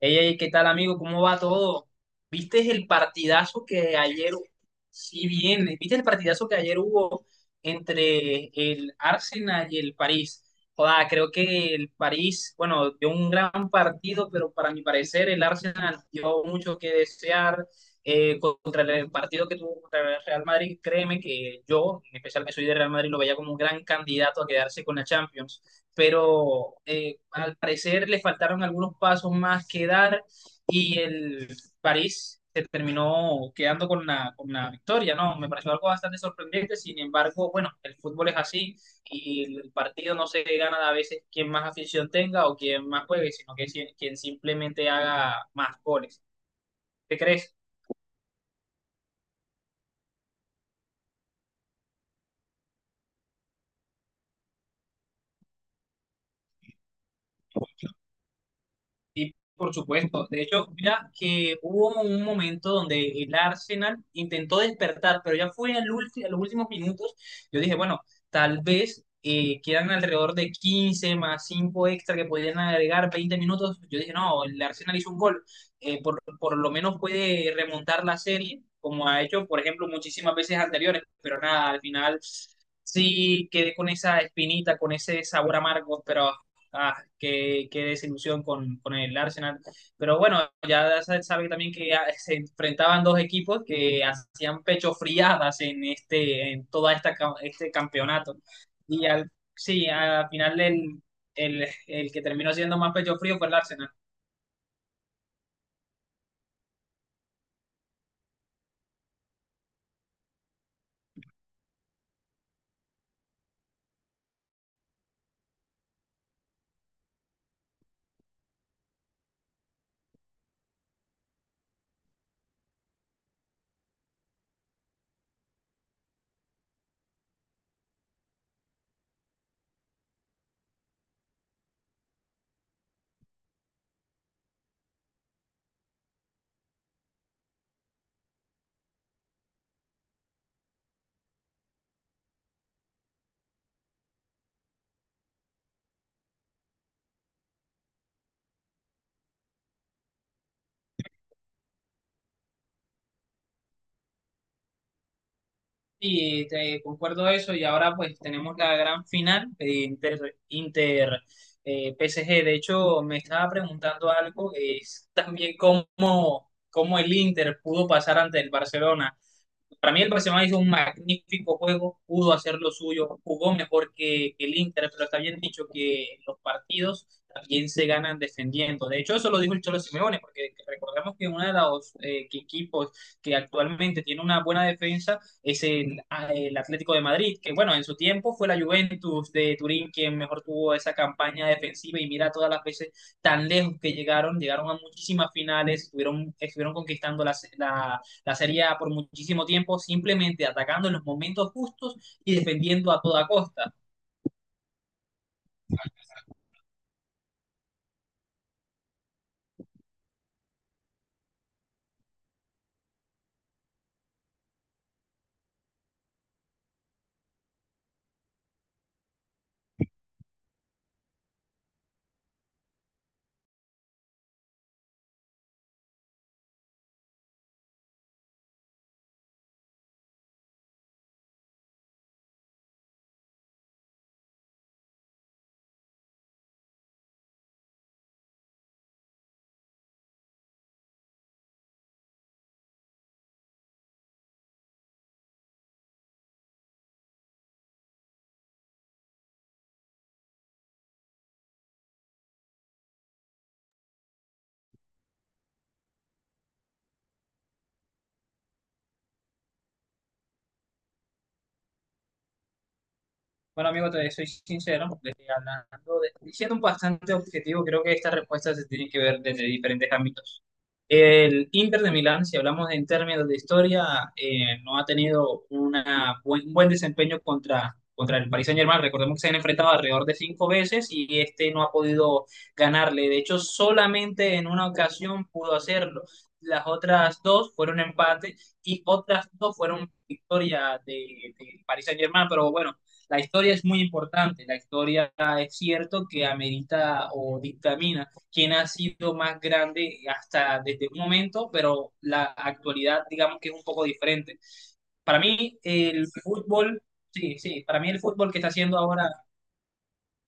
Ey, ey, ¿qué tal, amigo? ¿Cómo va todo? ¿Viste el partidazo que ayer, ¿Viste el partidazo que ayer hubo entre el Arsenal y el París? Joda, creo que el París, bueno, dio un gran partido, pero para mi parecer el Arsenal dio mucho que desear contra el partido que tuvo contra el Real Madrid. Créeme que yo, en especial que soy de Real Madrid, lo veía como un gran candidato a quedarse con la Champions, pero al parecer le faltaron algunos pasos más que dar y el París se terminó quedando con con la victoria, ¿no? Me pareció algo bastante sorprendente, sin embargo, bueno, el fútbol es así, y el partido no se gana a veces quien más afición tenga o quien más juegue, sino que quien simplemente haga más goles. ¿Qué crees? Sí, por supuesto. De hecho, mira que hubo un momento donde el Arsenal intentó despertar, pero ya fue a los últimos minutos. Yo dije, bueno, tal vez quedan alrededor de 15 más 5 extra que podrían agregar 20 minutos. Yo dije, no, el Arsenal hizo un gol. Por lo menos puede remontar la serie, como ha hecho, por ejemplo, muchísimas veces anteriores. Pero nada, al final sí quedé con esa espinita, con ese sabor amargo, pero ah, qué desilusión con el Arsenal. Pero bueno, ya se sabe también que se enfrentaban dos equipos que hacían pecho friadas en, este, en todo este campeonato. Al final el que terminó siendo más pecho frío fue el Arsenal. Sí, te concuerdo eso, y ahora pues tenemos la gran final de Inter PSG. De hecho, me estaba preguntando algo, es también cómo el Inter pudo pasar ante el Barcelona. Para mí el Barcelona hizo un magnífico juego, pudo hacer lo suyo, jugó mejor que el Inter, pero está bien dicho que los partidos también se ganan defendiendo. De hecho, eso lo dijo el Cholo Simeone, porque recordemos que uno de los equipos que actualmente tiene una buena defensa es el Atlético de Madrid, que bueno, en su tiempo fue la Juventus de Turín quien mejor tuvo esa campaña defensiva, y mira todas las veces tan lejos que llegaron, llegaron a muchísimas finales, estuvieron, estuvieron conquistando la sería por muchísimo tiempo simplemente atacando en los momentos justos y defendiendo a toda costa. Bueno, amigo, te soy sincero, hablando de, siendo un bastante objetivo, creo que estas respuestas se tienen que ver desde diferentes ámbitos. El Inter de Milán, si hablamos en términos de historia, no ha tenido un buen desempeño contra el Paris Saint-Germain. Recordemos que se han enfrentado alrededor de cinco veces y este no ha podido ganarle. De hecho, solamente en una ocasión pudo hacerlo. Las otras dos fueron empate y otras dos fueron victoria de Paris Saint-Germain. Pero bueno, la historia es muy importante. La historia es cierto que amerita o dictamina quién ha sido más grande hasta desde un momento, pero la actualidad digamos que es un poco diferente. Para mí el fútbol, sí, sí, para mí el fútbol que está haciendo ahora.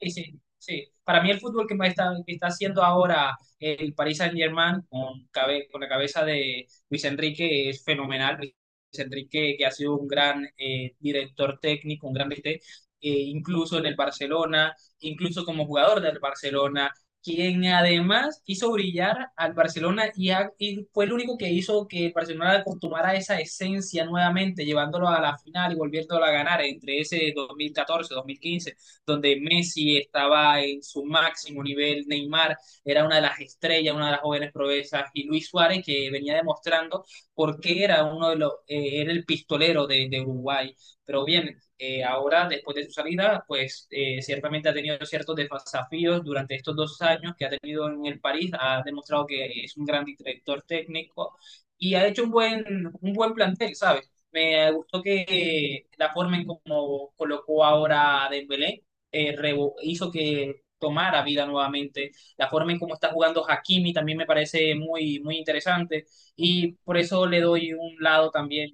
Sí, sí, sí. Para mí el fútbol que me está, que está haciendo ahora el Paris Saint-Germain con la cabeza de Luis Enrique es fenomenal. Luis Enrique, que ha sido un gran director técnico, un gran DT, incluso en el Barcelona, incluso como jugador del Barcelona, quien además hizo brillar al Barcelona y fue el único que hizo que el Barcelona acostumbrara a esa esencia nuevamente, llevándolo a la final y volviéndolo a ganar entre ese dos mil catorce, dos mil quince, donde Messi estaba en su máximo nivel, Neymar era una de las estrellas, una de las jóvenes proezas, y Luis Suárez, que venía demostrando por qué era uno de era el pistolero de Uruguay. Pero bien, ahora, después de su salida, pues ciertamente ha tenido ciertos desafíos durante estos dos años que ha tenido en el París, ha demostrado que es un gran director técnico y ha hecho un buen plantel, ¿sabes? Me gustó que la forma en cómo colocó ahora a Dembélé, hizo que tomara vida nuevamente. La forma en cómo está jugando Hakimi también me parece muy, muy interesante, y por eso le doy un lado también.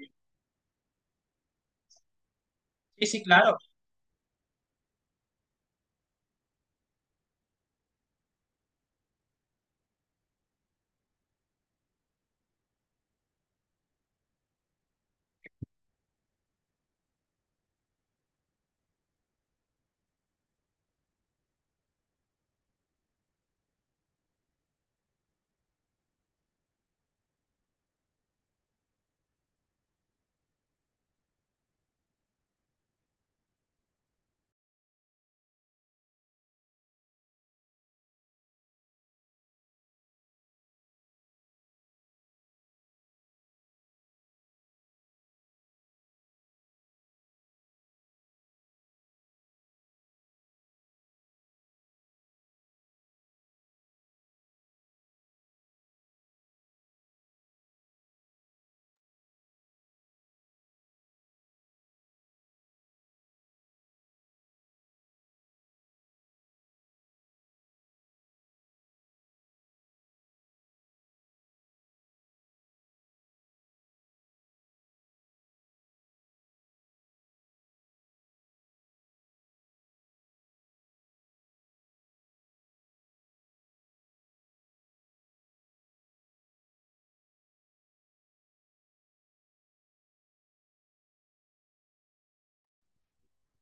Sí, sí, claro.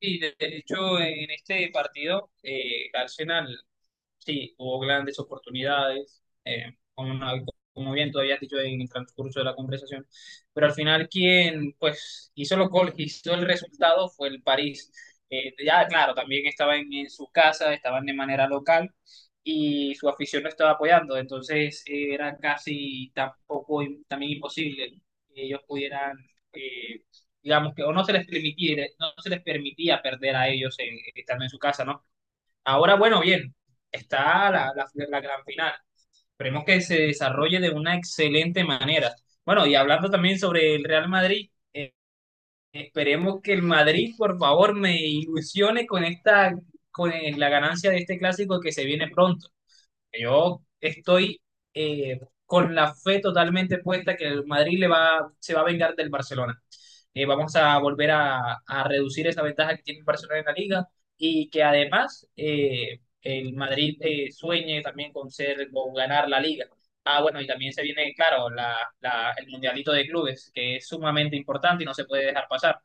Y de hecho, en este partido, Arsenal sí, hubo grandes oportunidades, como, no, como bien todavía has dicho en el transcurso de la conversación, pero al final quien pues hizo los goles, hizo el resultado fue el París. Ya, claro, también estaban su casa, estaban de manera local y su afición lo estaba apoyando, entonces era casi tampoco también imposible que ellos pudieran eh, digamos que o no se les permitiera, no se les permitía perder a ellos en, estando en su casa, ¿no? Ahora, bueno, bien, está la gran final. Esperemos que se desarrolle de una excelente manera. Bueno, y hablando también sobre el Real Madrid, esperemos que el Madrid, por favor, me ilusione con esta, con la ganancia de este clásico que se viene pronto. Yo estoy eh, con la fe totalmente puesta que el Madrid se va a vengar del Barcelona. Eh, vamos a volver a reducir esa ventaja que tiene el Barcelona en la liga, y que además el Madrid sueñe también con ser o ganar la liga. Ah, bueno, y también se viene, claro, el mundialito de clubes, que es sumamente importante y no se puede dejar pasar.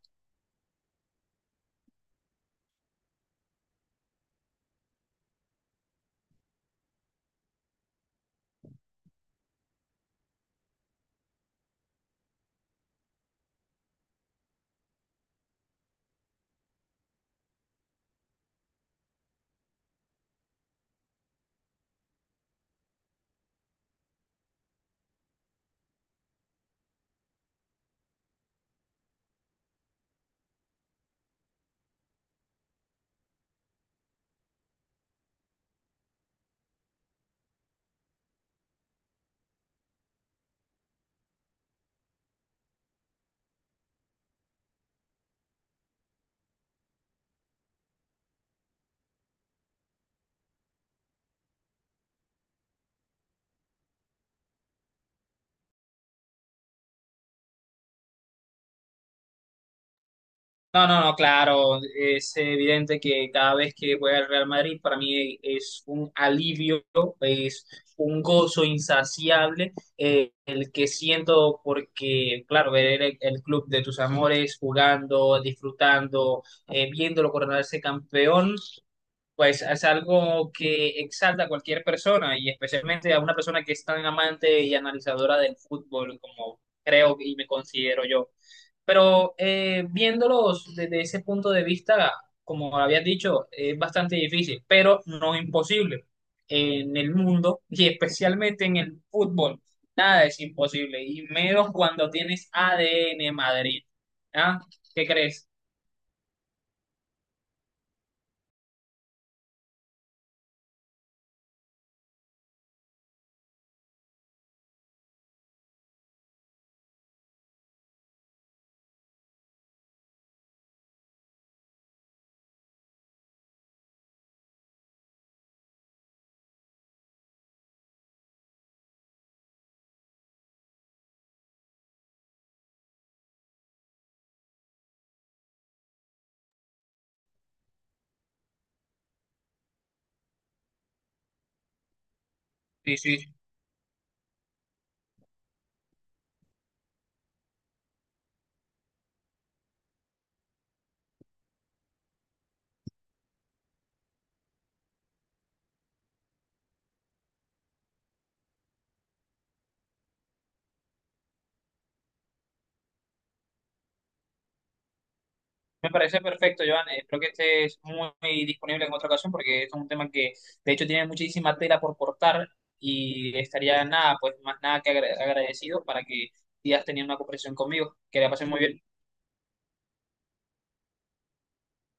No, no, no, claro, es evidente que cada vez que voy al Real Madrid para mí es un alivio, es un gozo insaciable, el que siento porque, claro, ver el club de tus amores jugando, disfrutando, viéndolo coronarse campeón, pues es algo que exalta a cualquier persona y especialmente a una persona que es tan amante y analizadora del fútbol como creo y me considero yo. Pero viéndolos desde ese punto de vista, como habías dicho, es bastante difícil, pero no imposible. En el mundo y especialmente en el fútbol, nada es imposible, y menos cuando tienes ADN Madrid. ¿Ah? ¿Qué crees? Sí, sí, me parece perfecto, Joan. Creo que estés muy, muy disponible en otra ocasión porque es un tema que de hecho tiene muchísima tela por cortar, y estaría nada, pues más nada que agradecido para que sigas teniendo una conversación conmigo. Que la pasen muy bien.